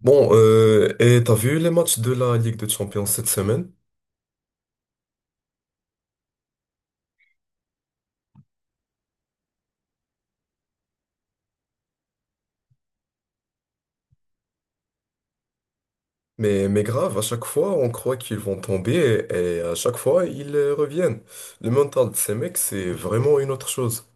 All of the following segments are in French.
Bon, et t'as vu les matchs de la Ligue des Champions cette semaine? Mais grave, à chaque fois, on croit qu'ils vont tomber et à chaque fois, ils reviennent. Le mental de ces mecs, c'est vraiment une autre chose.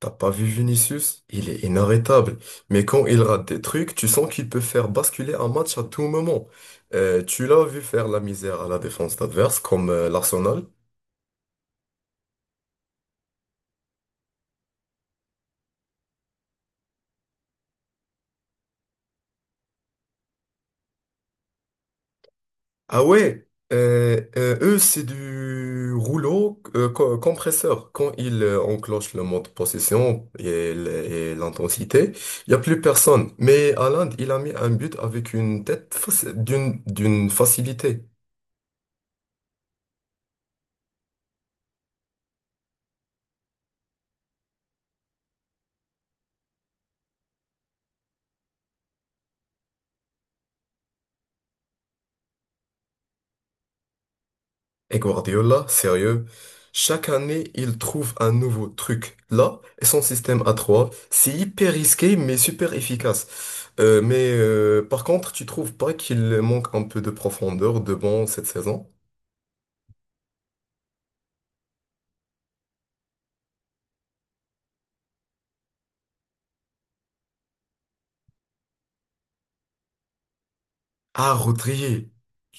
T'as pas vu Vinicius? Il est inarrêtable. Mais quand il rate des trucs, tu sens qu'il peut faire basculer un match à tout moment. Tu l'as vu faire la misère à la défense adverse, comme l'Arsenal. Ah ouais, eux, c'est du rouleau compresseur. Quand ils enclenchent le mode possession et l'intensité, il n'y a plus personne. Mais Haaland, il a mis un but avec une tête d'une facilité. Et Guardiola, sérieux, chaque année, il trouve un nouveau truc. Là, et son système à 3, c'est hyper risqué, mais super efficace. Mais par contre, tu trouves pas qu'il manque un peu de profondeur de banc cette saison? Ah, Rodri,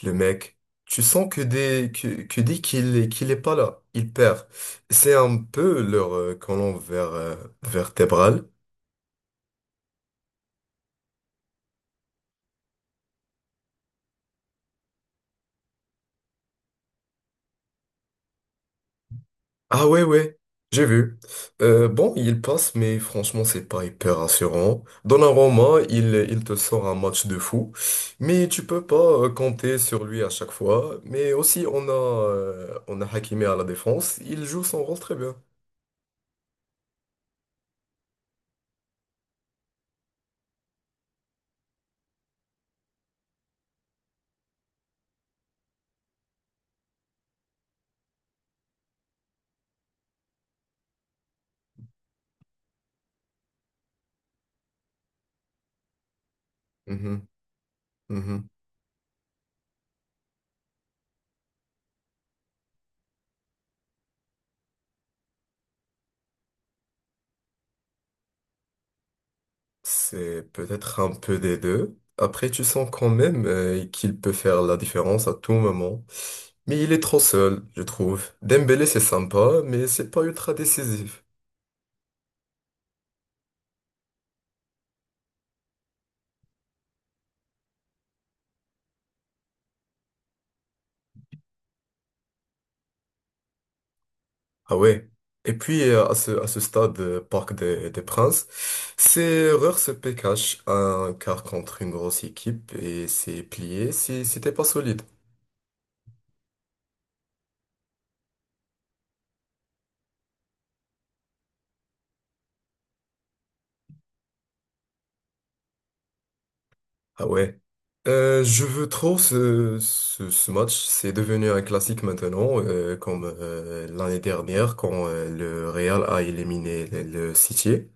le mec, tu sens que dès qu'il est pas là, il perd. C'est un peu leur colonne vertébrale. Ah ouais, ouais, j'ai vu. Bon, il passe, mais franchement, c'est pas hyper rassurant. Donnarumma, il te sort un match de fou, mais tu peux pas compter sur lui à chaque fois. Mais aussi, on a Hakimi à la défense, il joue son rôle très bien. Mhm, mhm. C'est peut-être un peu des deux. Après, tu sens quand même qu'il peut faire la différence à tout moment. Mais il est trop seul, je trouve. Dembélé, c'est sympa, mais c'est pas ultra décisif. Ah ouais. Et puis, à ce stade, Parc des Princes, c'est Reurs PKH, un quart contre une grosse équipe, et c'est plié si, si t'es pas solide. Ah ouais. Je veux trop ce match. C'est devenu un classique maintenant, comme l'année dernière quand le Real a éliminé le City.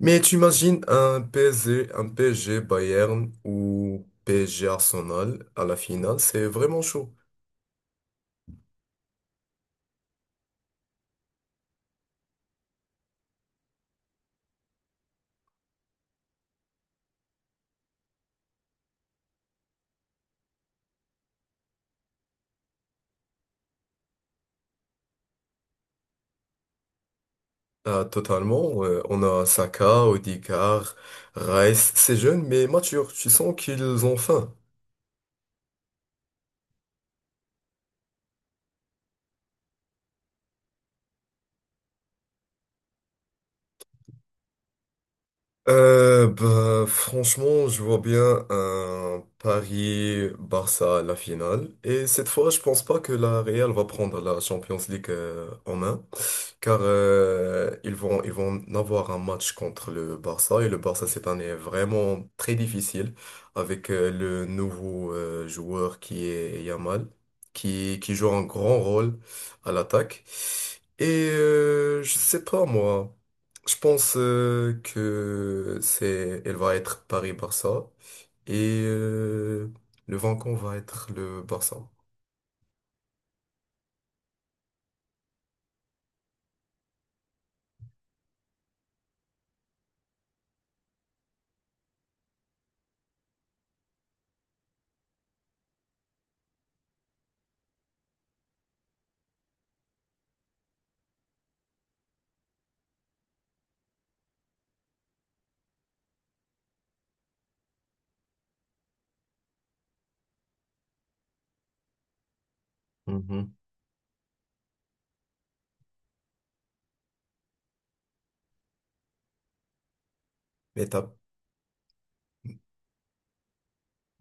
Mais tu imagines un PSG, un PSG Bayern ou PSG Arsenal à la finale, c'est vraiment chaud. Ah, totalement. On a Saka, Odegaard, Rice. C'est jeune mais mature. Tu sens qu'ils ont faim. Bah, franchement, je vois bien un Paris-Barça à la finale. Et cette fois, je pense pas que la Real va prendre la Champions League en main. Car ils vont avoir un match contre le Barça et le Barça cette année est vraiment très difficile avec le nouveau joueur qui est Yamal qui joue un grand rôle à l'attaque. Et je sais pas moi, je pense que c'est elle va être Paris-Barça et le vainqueur va être le Barça. Mhm. Mais t'as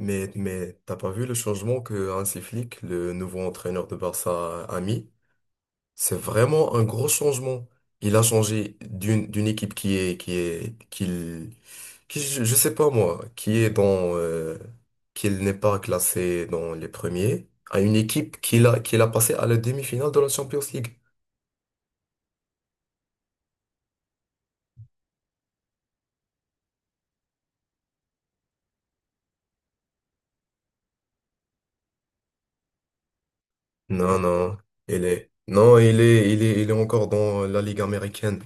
mais t'as pas vu le changement que Hansi Flick, le nouveau entraîneur de Barça, a mis? C'est vraiment un gros changement. Il a changé d'une équipe qui est qu'il qui je sais pas moi, qui est dans qu'il n'est pas classé dans les premiers, à une équipe qu'il a passé à la demi-finale de la Champions League. Non, non, il est non, il est il est il est encore dans la Ligue américaine.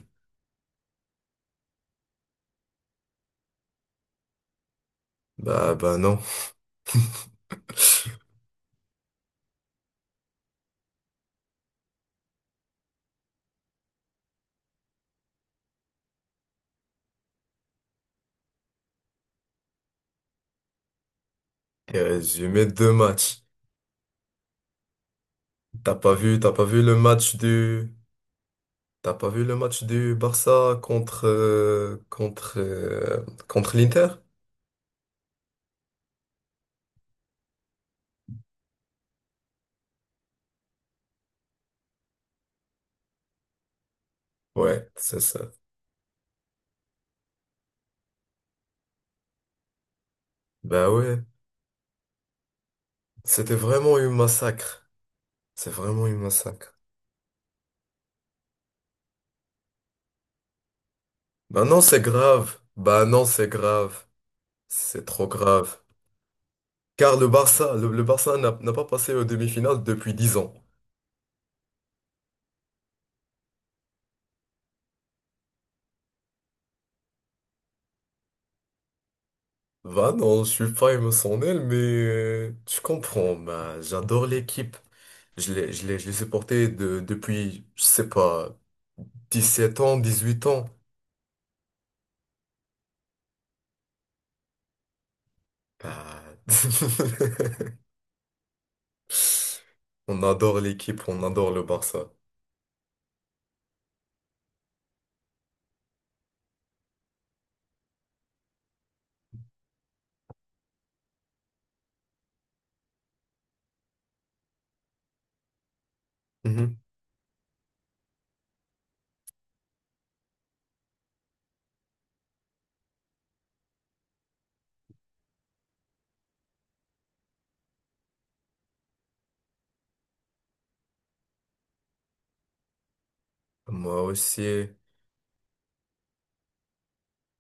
Bah non. Il a résumé deux matchs. T'as pas vu le match du, t'as pas vu le match du Barça contre l'Inter? Ouais, c'est ça. Ben ouais, c'était vraiment une massacre. C'est vraiment une massacre. Ben non, c'est grave. Ben non, c'est grave. C'est trop grave. Car le Barça, le Barça n'a pas passé aux demi-finales depuis 10 ans. Ben non, je suis pas émotionnel, mais tu comprends. Ben, j'adore l'équipe. Je l'ai supporté depuis, je sais pas, 17 ans, 18 ans. Ah. On adore l'équipe, on adore le Barça. Mhm. Moi aussi,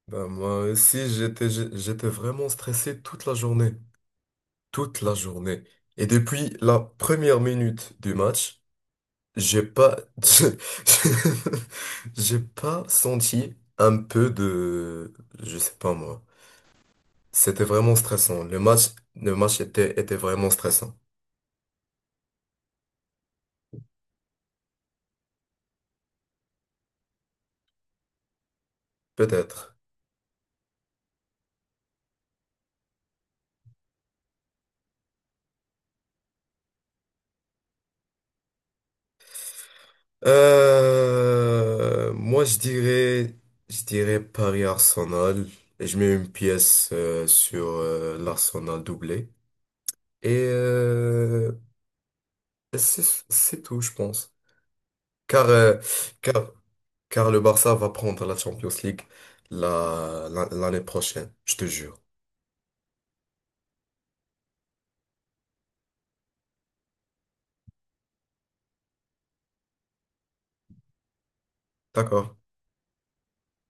bah moi aussi, j'étais vraiment stressé toute la journée, toute la journée. Et depuis la première minute du match, j'ai pas, j'ai j'ai pas senti un peu de, je sais pas moi. C'était vraiment stressant. Le match était vraiment stressant. Peut-être. Moi, je dirais Paris-Arsenal. Et je mets une pièce sur l'Arsenal doublé. Et euh, c'est c'est tout, je pense. Car, euh, car, car, le Barça va prendre la Champions League l'année prochaine, je te jure. D'accord?